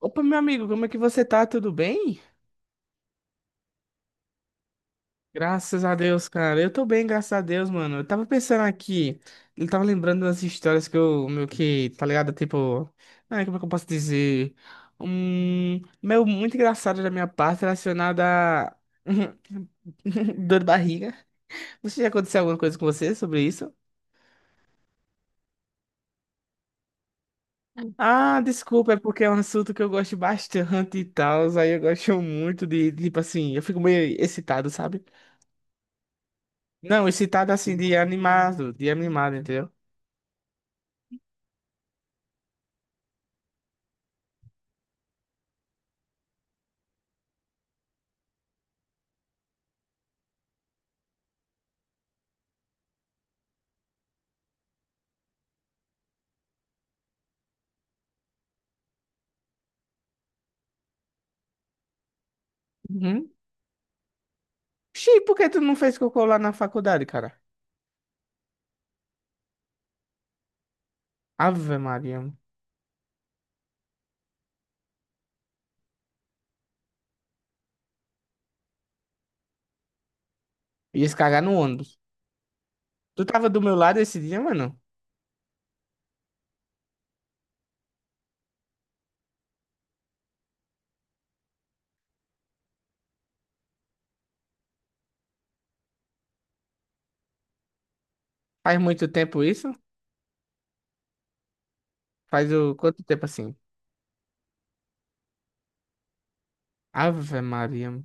Opa, meu amigo, como é que você tá? Tudo bem? Graças a Deus, cara. Eu tô bem, graças a Deus, mano. Eu tava pensando aqui, eu tava lembrando das histórias que tá ligado? Tipo, ai, como é que eu posso dizer? Meu, muito engraçado da minha parte relacionada a dor de barriga. Você já aconteceu alguma coisa com você sobre isso? Ah, desculpa, é porque é um assunto que eu gosto bastante e tal. Aí eu gosto muito de, tipo assim, eu fico meio excitado, sabe? Não, excitado assim de animado, entendeu? Uhum. Xi, por que tu não fez cocô lá na faculdade, cara? Ave Maria, mano. Ia se cagar no ônibus. Tu tava do meu lado esse dia, mano? Faz muito tempo isso? Faz o quanto tempo assim? Ave Maria, mano.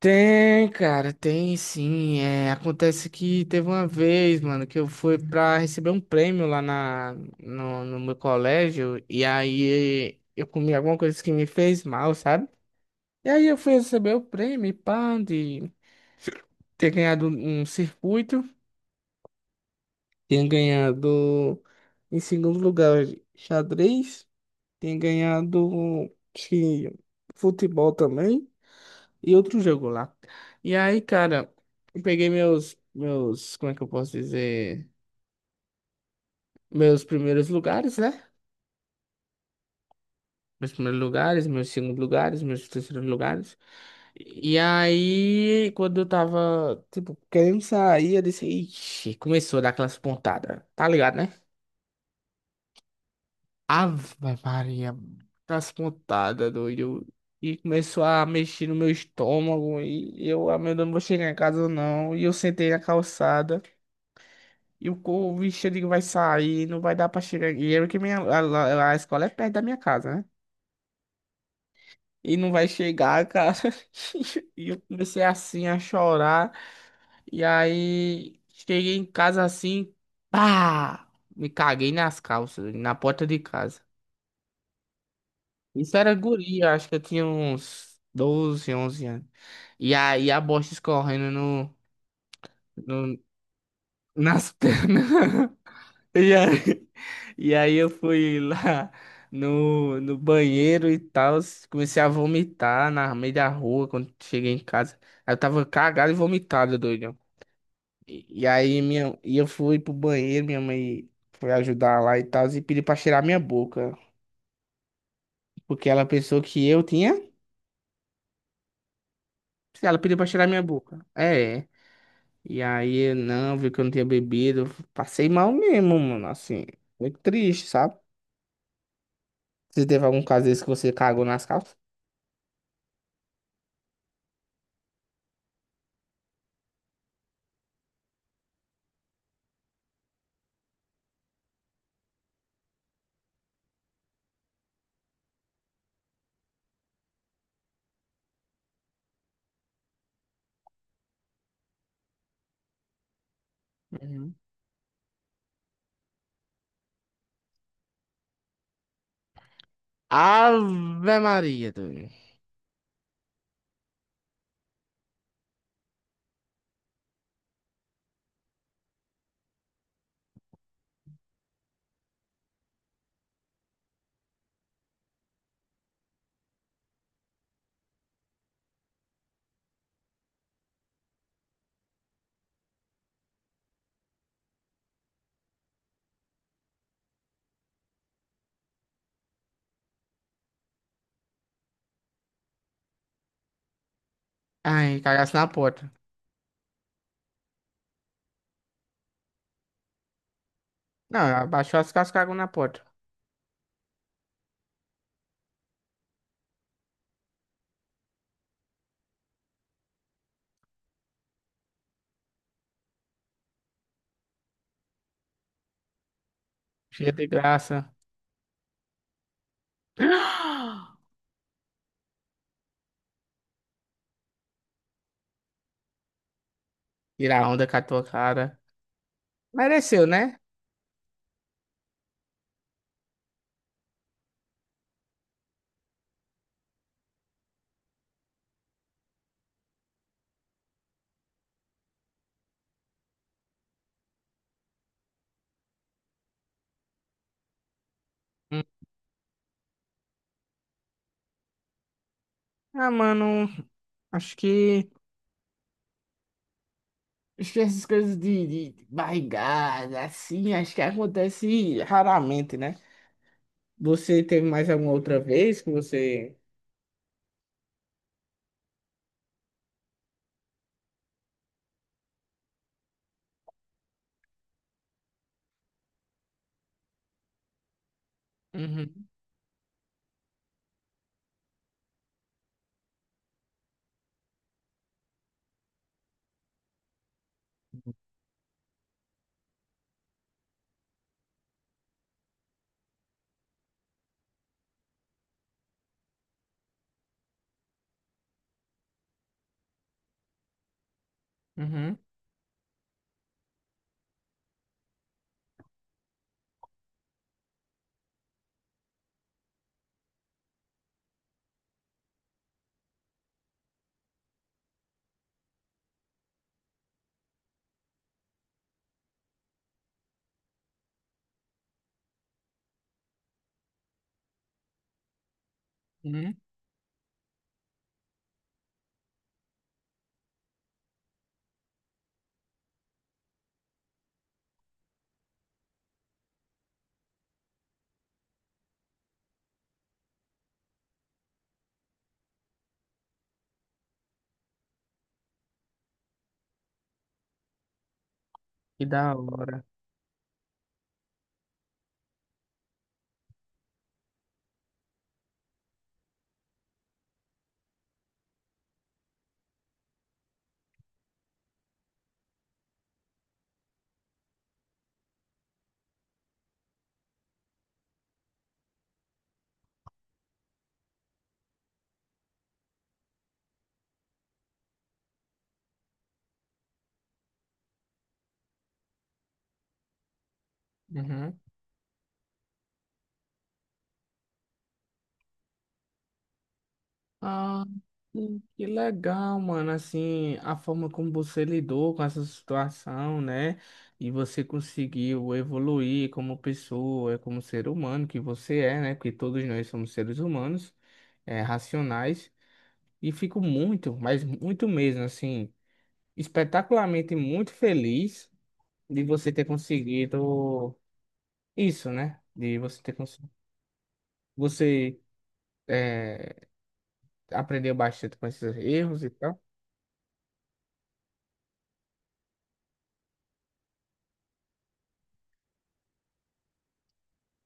Tem, cara, tem sim. É, acontece que teve uma vez, mano, que eu fui pra receber um prêmio lá na, no, no meu colégio e aí eu comi alguma coisa que me fez mal, sabe? E aí eu fui receber o prêmio, e pá, de ter ganhado um circuito, tinha ganhado em segundo lugar xadrez, tinha ganhado acho que futebol também e outro jogo lá. E aí, cara, eu peguei meus, como é que eu posso dizer, meus primeiros lugares, né? Meus primeiros lugares, meus segundos lugares, meus terceiros lugares. E aí, quando eu tava, tipo, querendo sair, eu disse, ixi, começou a dar aquelas pontadas. Tá ligado, né? Ave Maria, aquelas pontadas, doido. E começou a mexer no meu estômago. E eu, ah, meu Deus, não vou chegar em casa não. E eu sentei na calçada. E o bicho ali vai sair, não vai dar pra chegar. E é que minha, a escola é perto da minha casa, né? E não vai chegar, cara. E eu comecei assim a chorar. E aí cheguei em casa assim, pá! Me caguei nas calças, na porta de casa. Isso era guria, acho que eu tinha uns 12 11 anos. E aí a bosta escorrendo no- nas pernas. E aí, eu fui lá no banheiro e tal. Comecei a vomitar na meio da rua quando cheguei em casa. Aí eu tava cagado e vomitado, doido. E eu fui pro banheiro, minha mãe foi ajudar lá e tal, e pediu pra cheirar minha boca. Porque ela pensou que eu tinha. Ela pediu pra cheirar minha boca. É. E aí eu não, viu que eu não tinha bebido. Passei mal mesmo, mano. Assim, muito triste, sabe? Você teve algum caso desse que você cagou nas calças? Uhum. Ave Maria, doido. Ai, cagasse na porta. Não, abaixou as calças, cagou na porta. Cheia de graça. Tirar onda com a tua cara. Mereceu, né? Ah, mano, acho que Acho que essas coisas de barrigada, assim, acho que acontece raramente, né? Você teve mais alguma outra vez que você. Uhum, uhum, uhum. Que da hora. Uhum. Ah, que legal, mano. Assim, a forma como você lidou com essa situação, né? E você conseguiu evoluir como pessoa, como ser humano que você é, né? Porque todos nós somos seres humanos, é, racionais. E fico muito, mas muito mesmo, assim, espetacularmente muito feliz de você ter conseguido isso, né? De você ter conseguido. Você eh, aprendeu bastante com esses erros e tal.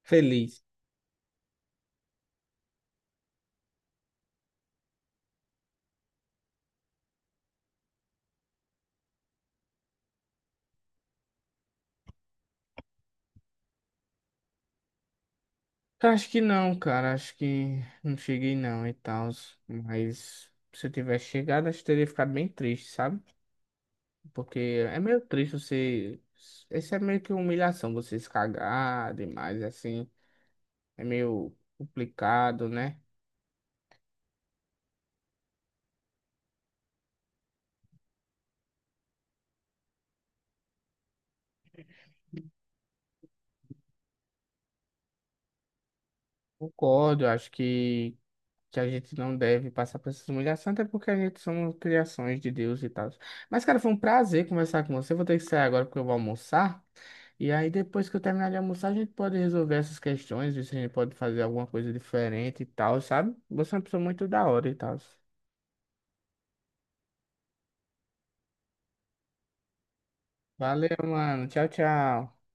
Feliz. Cara, acho que não, cara. Acho que não cheguei não e tal. Mas se eu tivesse chegado, acho que teria ficado bem triste, sabe? Porque é meio triste você. Isso é meio que humilhação, você se cagar demais, assim. É meio complicado, né? Concordo, eu acho que a gente não deve passar por essas humilhações, até porque a gente somos criações de Deus e tal. Mas, cara, foi um prazer conversar com você. Vou ter que sair agora porque eu vou almoçar. E aí, depois que eu terminar de almoçar, a gente pode resolver essas questões, ver se a gente pode fazer alguma coisa diferente e tal, sabe? Você é uma pessoa muito da hora e tal. Valeu, mano. Tchau, tchau.